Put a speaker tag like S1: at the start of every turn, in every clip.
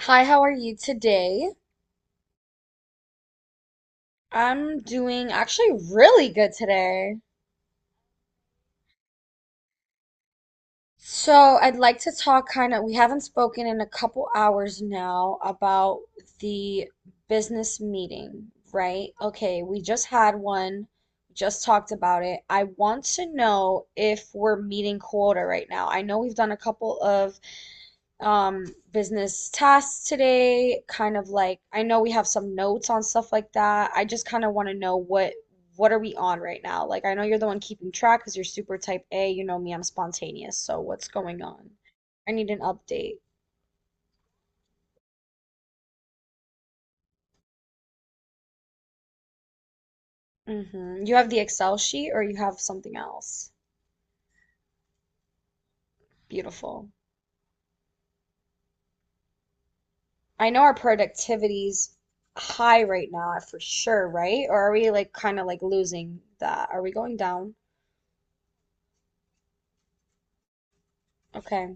S1: Hi, how are you today? I'm doing actually really good today. So, I'd like to talk kind of, we haven't spoken in a couple hours now about the business meeting, right? Okay, we just had one, just talked about it. I want to know if we're meeting quota right now. I know we've done a couple of um business tasks today, kind of like, I know we have some notes on stuff like that. I just kind of want to know what are we on right now. Like, I know you're the one keeping track because you're super type A. You know me, I'm spontaneous, so what's going on? I need an update. You have the Excel sheet or you have something else? Beautiful. I know our productivity's high right now for sure, right? Or are we like kind of like losing that? Are we going down? Okay.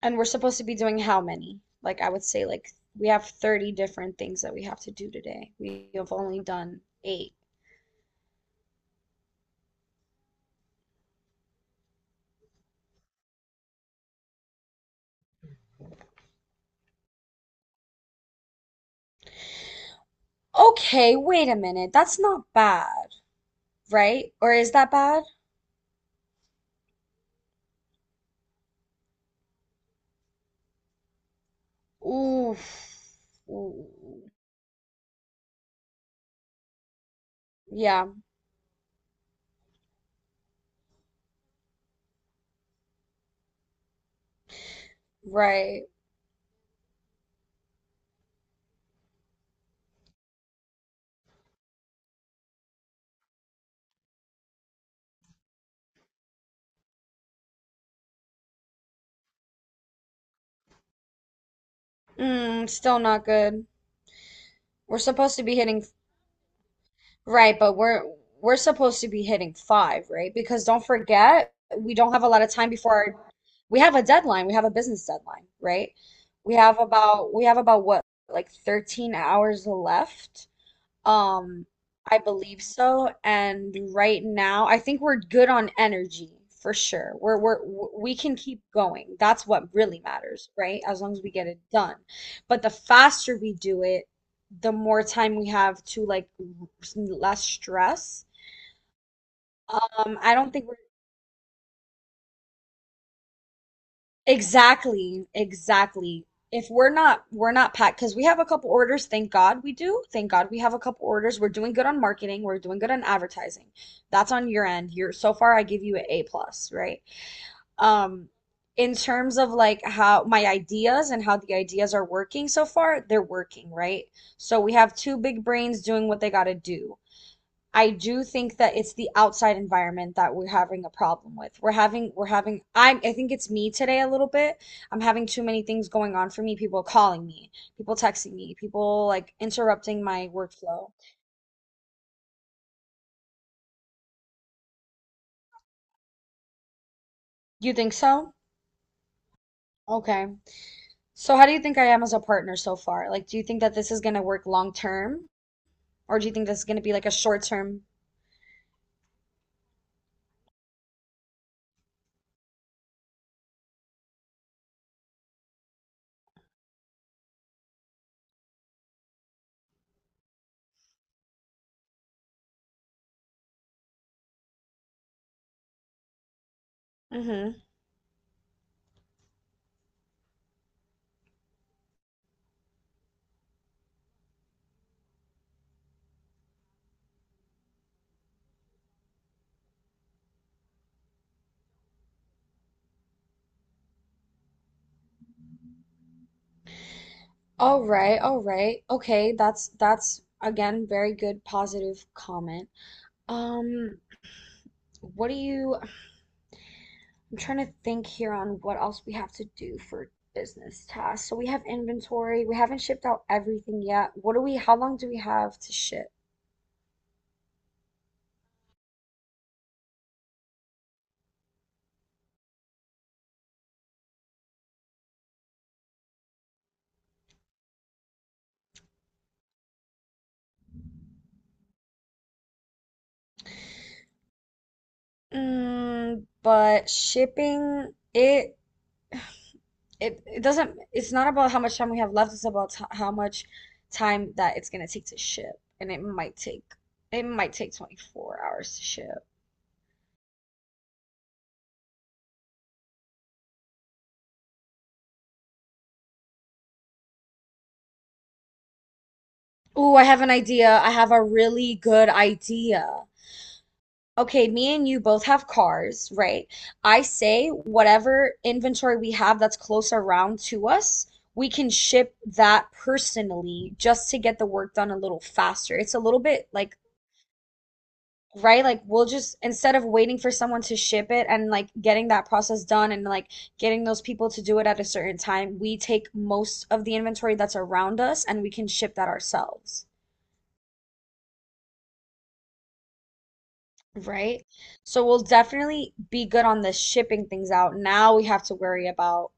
S1: And we're supposed to be doing how many? Like, I would say, like, we have 30 different things that we have to do today. We have only done eight. Okay, wait a minute. That's not bad, right? Or is that bad? Ooh. Ooh. Yeah, right. Mm, still not good. We're supposed to be hitting. Right, but we're supposed to be hitting five, right? Because don't forget, we don't have a lot of time, we have a deadline. We have a business deadline, right? We have about what, like, 13 hours left? Um, I believe so. And right now, I think we're good on energy for sure. We can keep going. That's what really matters, right? As long as we get it done. But the faster we do it, the more time we have to, like, less stress. I don't think. Exactly, exactly. If we're not packed because we have a couple orders, thank God we do. Thank God we have a couple orders. We're doing good on marketing, we're doing good on advertising. That's on your end. You're so far I give you an A plus, right? Um, in terms of like how my ideas and how the ideas are working so far, they're working, right? So we have two big brains doing what they gotta do. I do think that it's the outside environment that we're having a problem with. We're having, I think it's me today a little bit. I'm having too many things going on for me. People calling me, people texting me, people like interrupting my workflow. You think so? Okay. So how do you think I am as a partner so far? Like, do you think that this is going to work long term? Or do you think this is going to be like a short term? Mm-hmm. All right, all right. Okay, that's again very good positive comment. Um, what do you, I'm trying to think here on what else we have to do for business tasks. So we have inventory. We haven't shipped out everything yet. How long do we have to ship? Mm, but shipping it, it it doesn't it's not about how much time we have left, it's about t how much time that it's gonna take to ship. And it might take 24 hours to ship. Ooh, I have an idea. I have a really good idea. Okay, me and you both have cars, right? I say whatever inventory we have that's close around to us, we can ship that personally just to get the work done a little faster. It's a little bit like, right? Like, we'll just, instead of waiting for someone to ship it and like getting that process done and like getting those people to do it at a certain time, we take most of the inventory that's around us and we can ship that ourselves, right? So we'll definitely be good on the shipping things out. Now we have to worry about.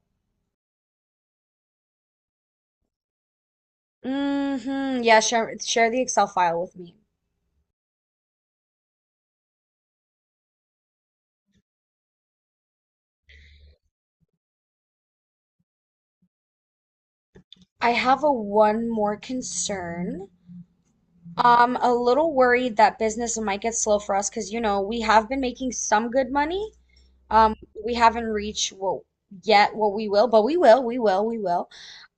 S1: Yeah, share the Excel file with me. I have a one more concern. A little worried that business might get slow for us because, we have been making some good money. Um, we haven't reached what yet what we will, but we will, we will, we will.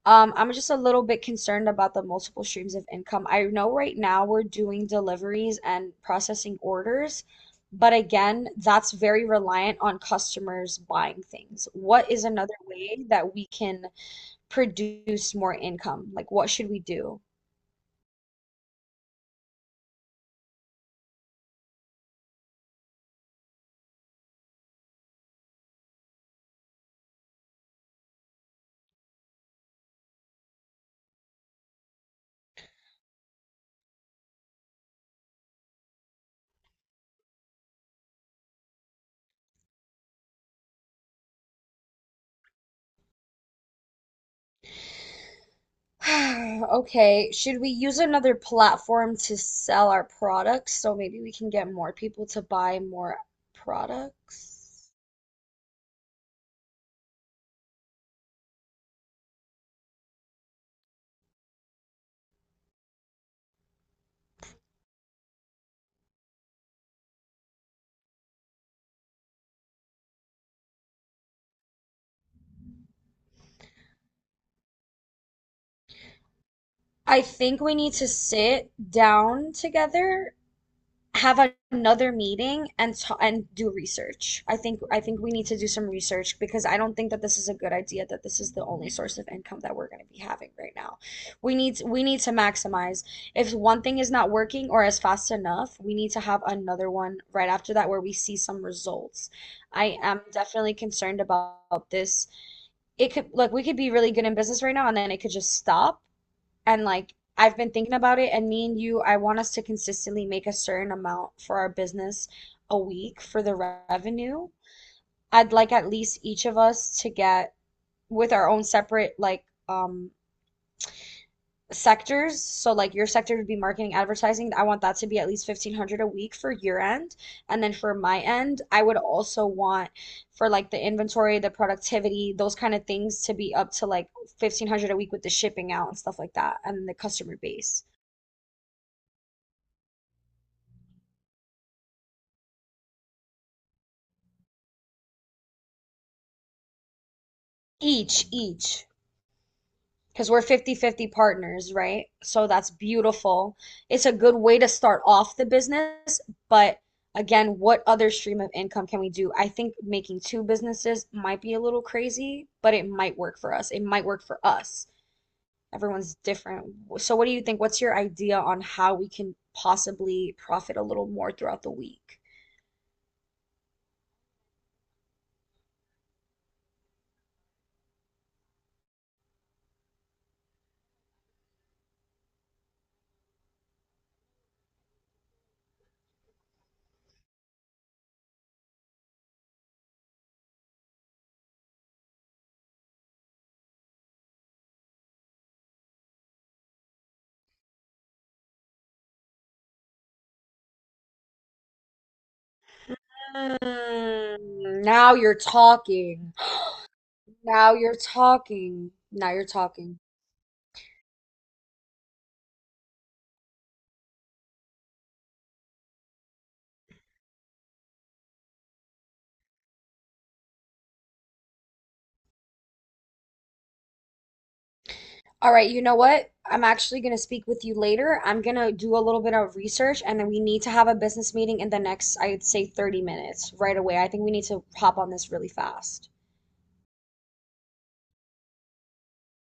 S1: I'm just a little bit concerned about the multiple streams of income. I know right now we're doing deliveries and processing orders, but again, that's very reliant on customers buying things. What is another way that we can produce more income? Like, what should we do? Okay, should we use another platform to sell our products so maybe we can get more people to buy more products? I think we need to sit down together, have another meeting and ta and do research. I think we need to do some research because I don't think that this is a good idea that this is the only source of income that we're going to be having right now. We need to maximize. If one thing is not working or is fast enough, we need to have another one right after that where we see some results. I am definitely concerned about this. It could look, we could be really good in business right now and then it could just stop, and like I've been thinking about it, and me and you, I want us to consistently make a certain amount for our business a week for the revenue. I'd like at least each of us to get with our own separate, like, um sectors. So like your sector would be marketing, advertising. I want that to be at least 1500 a week for your end. And then for my end, I would also want for like the inventory, the productivity, those kind of things to be up to like 1500 a week with the shipping out and stuff like that and the customer base. Each, because we're 50-50 partners, right? So that's beautiful. It's a good way to start off the business, but again, what other stream of income can we do? I think making two businesses might be a little crazy, but it might work for us. It might work for us. Everyone's different. So what do you think? What's your idea on how we can possibly profit a little more throughout the week? Mm, now you're talking. Now you're talking. Now you're talking. All right, you know what? I'm actually going to speak with you later. I'm going to do a little bit of research and then we need to have a business meeting in the next, I'd say, 30 minutes right away. I think we need to hop on this really fast.